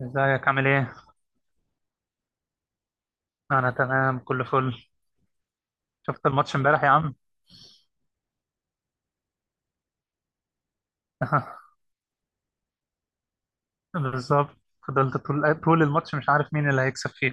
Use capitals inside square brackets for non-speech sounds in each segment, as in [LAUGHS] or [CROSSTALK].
ازيك عامل ايه؟ انا تمام كله فل. شفت الماتش امبارح يا عم؟ [LAUGHS] بالظبط. فضلت طول الماتش مش عارف مين اللي هيكسب فيه.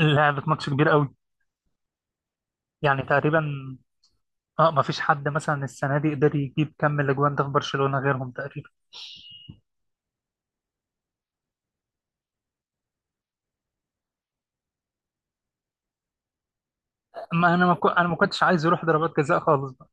لعبة ماتش كبير قوي. يعني تقريبا اه، ما فيش حد مثلا السنة دي قدر يجيب كم الاجوان ده في برشلونة غيرهم تقريبا. ما انا ما كو... انا ما كنتش عايز يروح ضربات جزاء خالص بقى.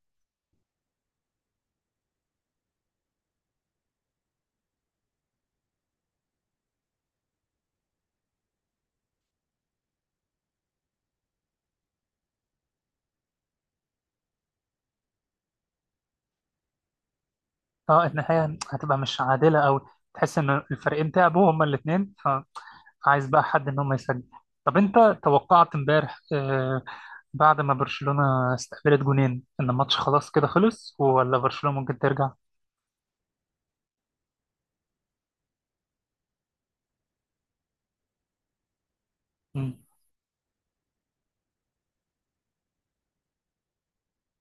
اه، النهاية هتبقى مش عادلة قوي. تحس ان الفريقين تعبوا هما الاثنين، فعايز بقى حد ان هم يسجل. طب انت توقعت امبارح بعد ما برشلونة استقبلت جونين ان الماتش خلاص كده خلص ولا برشلونة ممكن ترجع؟ امم.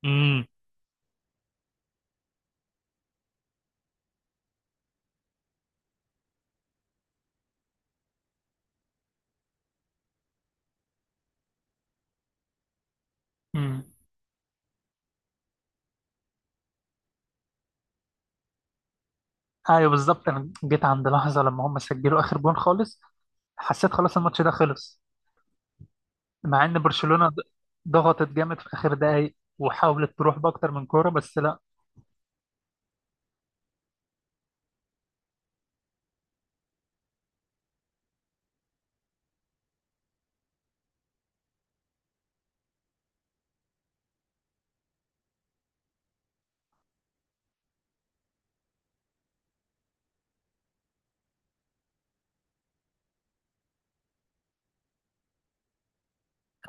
امم. امم. ايوه بالظبط، انا جيت عند لحظة لما هم سجلوا اخر جون خالص، حسيت خلاص الماتش ده خلص. مع ان برشلونة ضغطت جامد في اخر دقايق وحاولت تروح باكتر من كورة بس لا.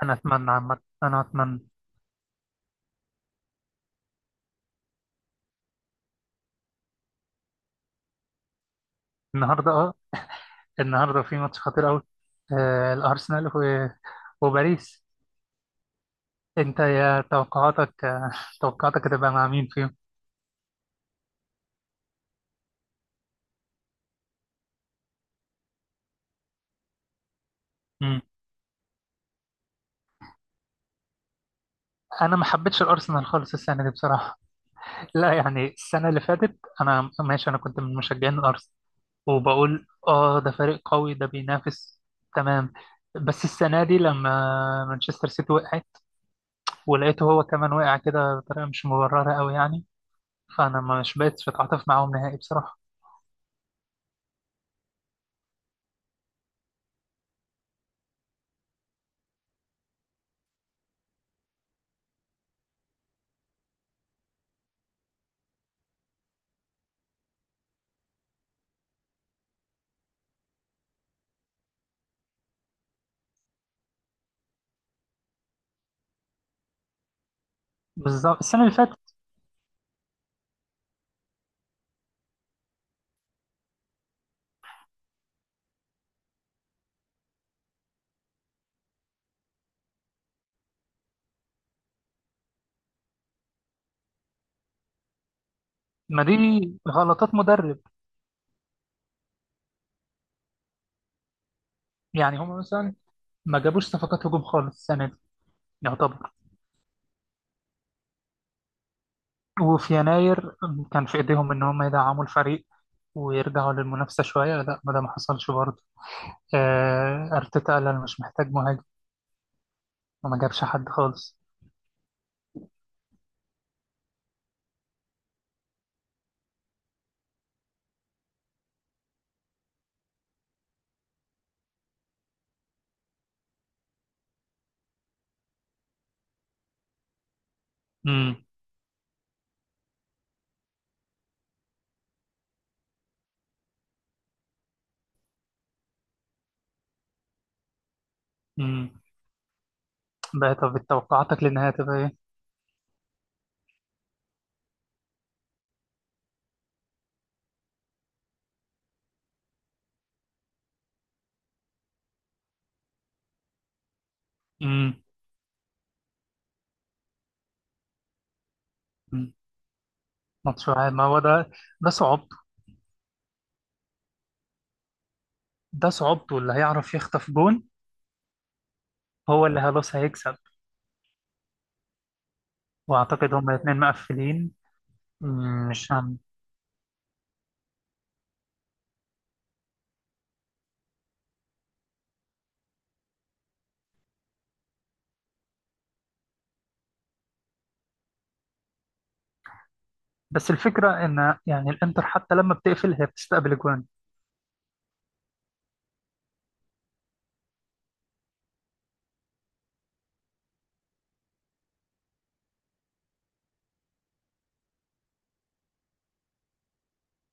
انا اتمنى عامة، انا اتمنى. النهارده اه، النهارده في ماتش خطير قوي. آه الارسنال وباريس. انت توقعاتك هتبقى مع مين فيهم؟ انا ما حبيتش الارسنال خالص السنه دي بصراحه. لا يعني السنه اللي فاتت انا ماشي، انا كنت من مشجعين الارسنال وبقول اه ده فريق قوي ده بينافس، تمام. بس السنه دي لما مانشستر سيتي وقعت ولقيته هو كمان وقع كده بطريقه مش مبرره قوي يعني، فانا مش بقتش بتعاطف معاهم نهائي بصراحه. بالظبط السنه اللي فاتت. ما دي غلطات مدرب. يعني هم مثلا ما جابوش صفقات هجوم خالص السنه دي يعتبر. وفي يناير كان في ايديهم ان هم يدعموا الفريق ويرجعوا للمنافسه شويه، لا ما ده ما حصلش برضه. آه، ارتيتا قال انا مش محتاج مهاجم، وما جابش حد خالص. امم. امم. بقى طب توقعاتك للنهايه تبقى ايه؟ امم. أمم. ماتش واحد، ما هو ده، ده صعوبته. ده صعوبته اللي هيعرف يخطف جون هو اللي خلاص هيكسب. واعتقد هما الاثنين مقفلين. أمم، مش هم. بس الفكره ان يعني الانتر حتى لما بتقفل هي بتستقبل جوان.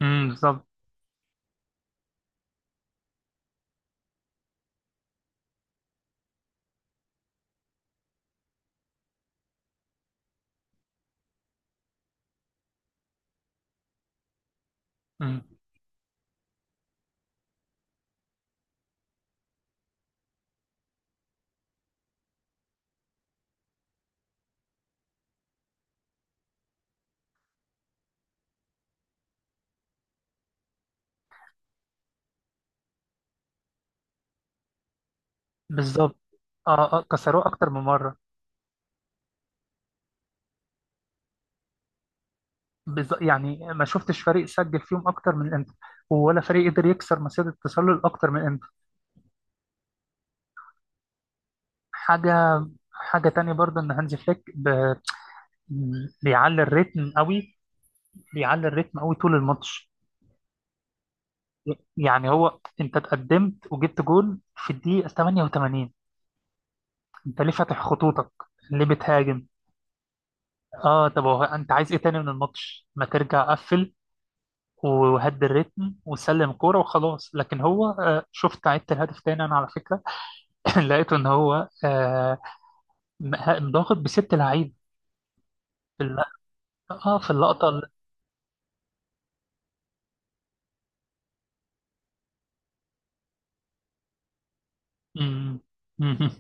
بالظبط. أمم. بالظبط. اه كسروه اكتر من مره. بالظبط، يعني ما شفتش فريق سجل فيهم اكتر من الانتر، ولا فريق قدر يكسر مسيره التسلل اكتر من الانتر. حاجه، حاجه تانية برضه ان هانزي فليك بيعلي الريتم قوي، بيعلي الريتم قوي طول الماتش. يعني هو انت اتقدمت وجبت جول في الدقيقه 88، انت ليه فاتح خطوطك؟ ليه بتهاجم؟ اه طب هو انت عايز ايه تاني من الماتش؟ ما ترجع قفل وهد الريتم وسلم كورة وخلاص. لكن هو شفت عدت الهدف تاني انا على فكرة. [LAUGHS] لقيته ان هو ضاغط بست لعيبة في اللقطة. اه في اللقطة. مم. مم.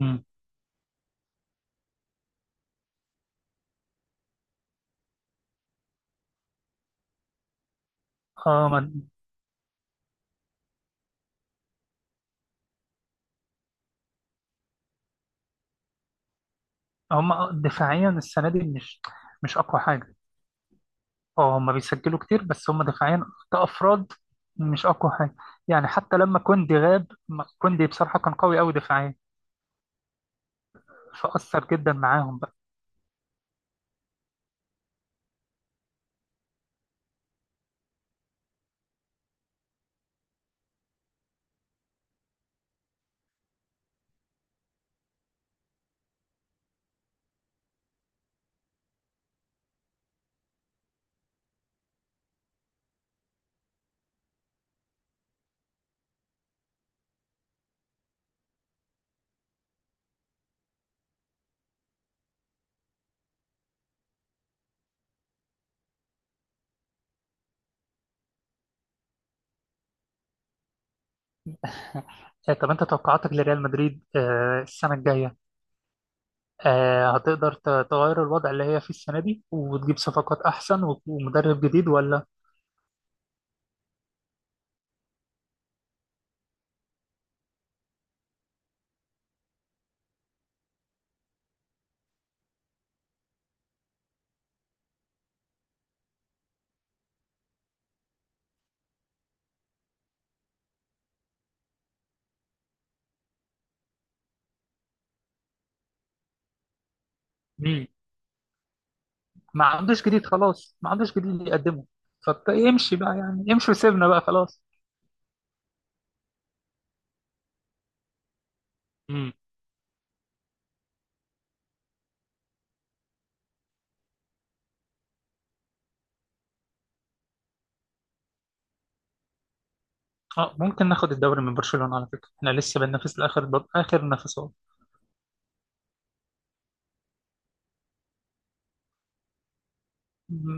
مم. اه ما- هم دفاعيا السنة دي مش، مش اقوى حاجة. اه هم بيسجلوا كتير بس هم دفاعيا كأفراد مش اقوى حاجة. يعني حتى لما كوندي غاب كوندي بصراحة كان قوي قوي دفاعيا، فأثر جدا معاهم بقى. [LAUGHS] آه، طب انت توقعاتك لريال مدريد السنة الجاية هتقدر تغير الوضع اللي هي فيه السنة دي وتجيب صفقات أحسن ومدرب جديد ولا؟ مين؟ ما عندوش جديد خلاص، ما عندوش جديد يقدمه. فيمشي بقى يعني، يمشي وسيبنا بقى خلاص. امم. اه ممكن ناخد الدوري من برشلونة على فكرة، احنا لسه بننافس آخر نفسات.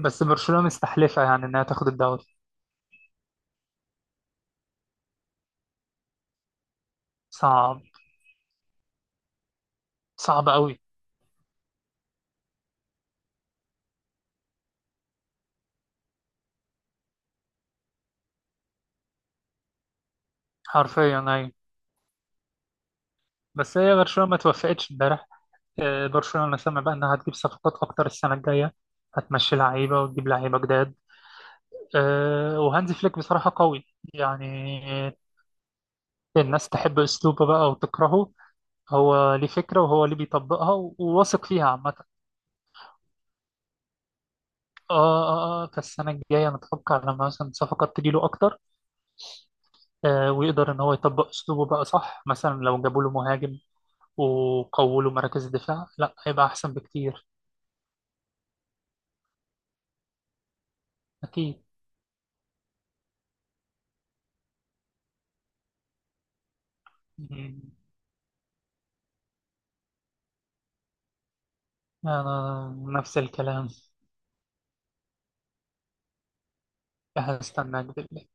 بس برشلونة مستحلفة يعني انها تاخد الدوري. صعب، صعب قوي. حرفيا ايوه. بس هي برشلونة ما توفقتش امبارح. آه، برشلونة سمع بقى انها هتجيب صفقات اكتر السنة الجاية، هتمشي لعيبة وتجيب لعيبة جداد. آه، وهانزي فليك بصراحة قوي يعني. الناس تحب أسلوبه بقى وتكرهه. هو ليه فكرة وهو اللي بيطبقها وواثق فيها عامة. آه آه آه، فالسنة الجاية نتوقع لما مثلا صفقات تجيله أكتر، آه ويقدر إن هو يطبق أسلوبه بقى. صح مثلا لو جابوا له مهاجم وقووا له مراكز الدفاع لا هيبقى أحسن بكتير. أكيد. م- أنا نفس الكلام. هستناك بالله.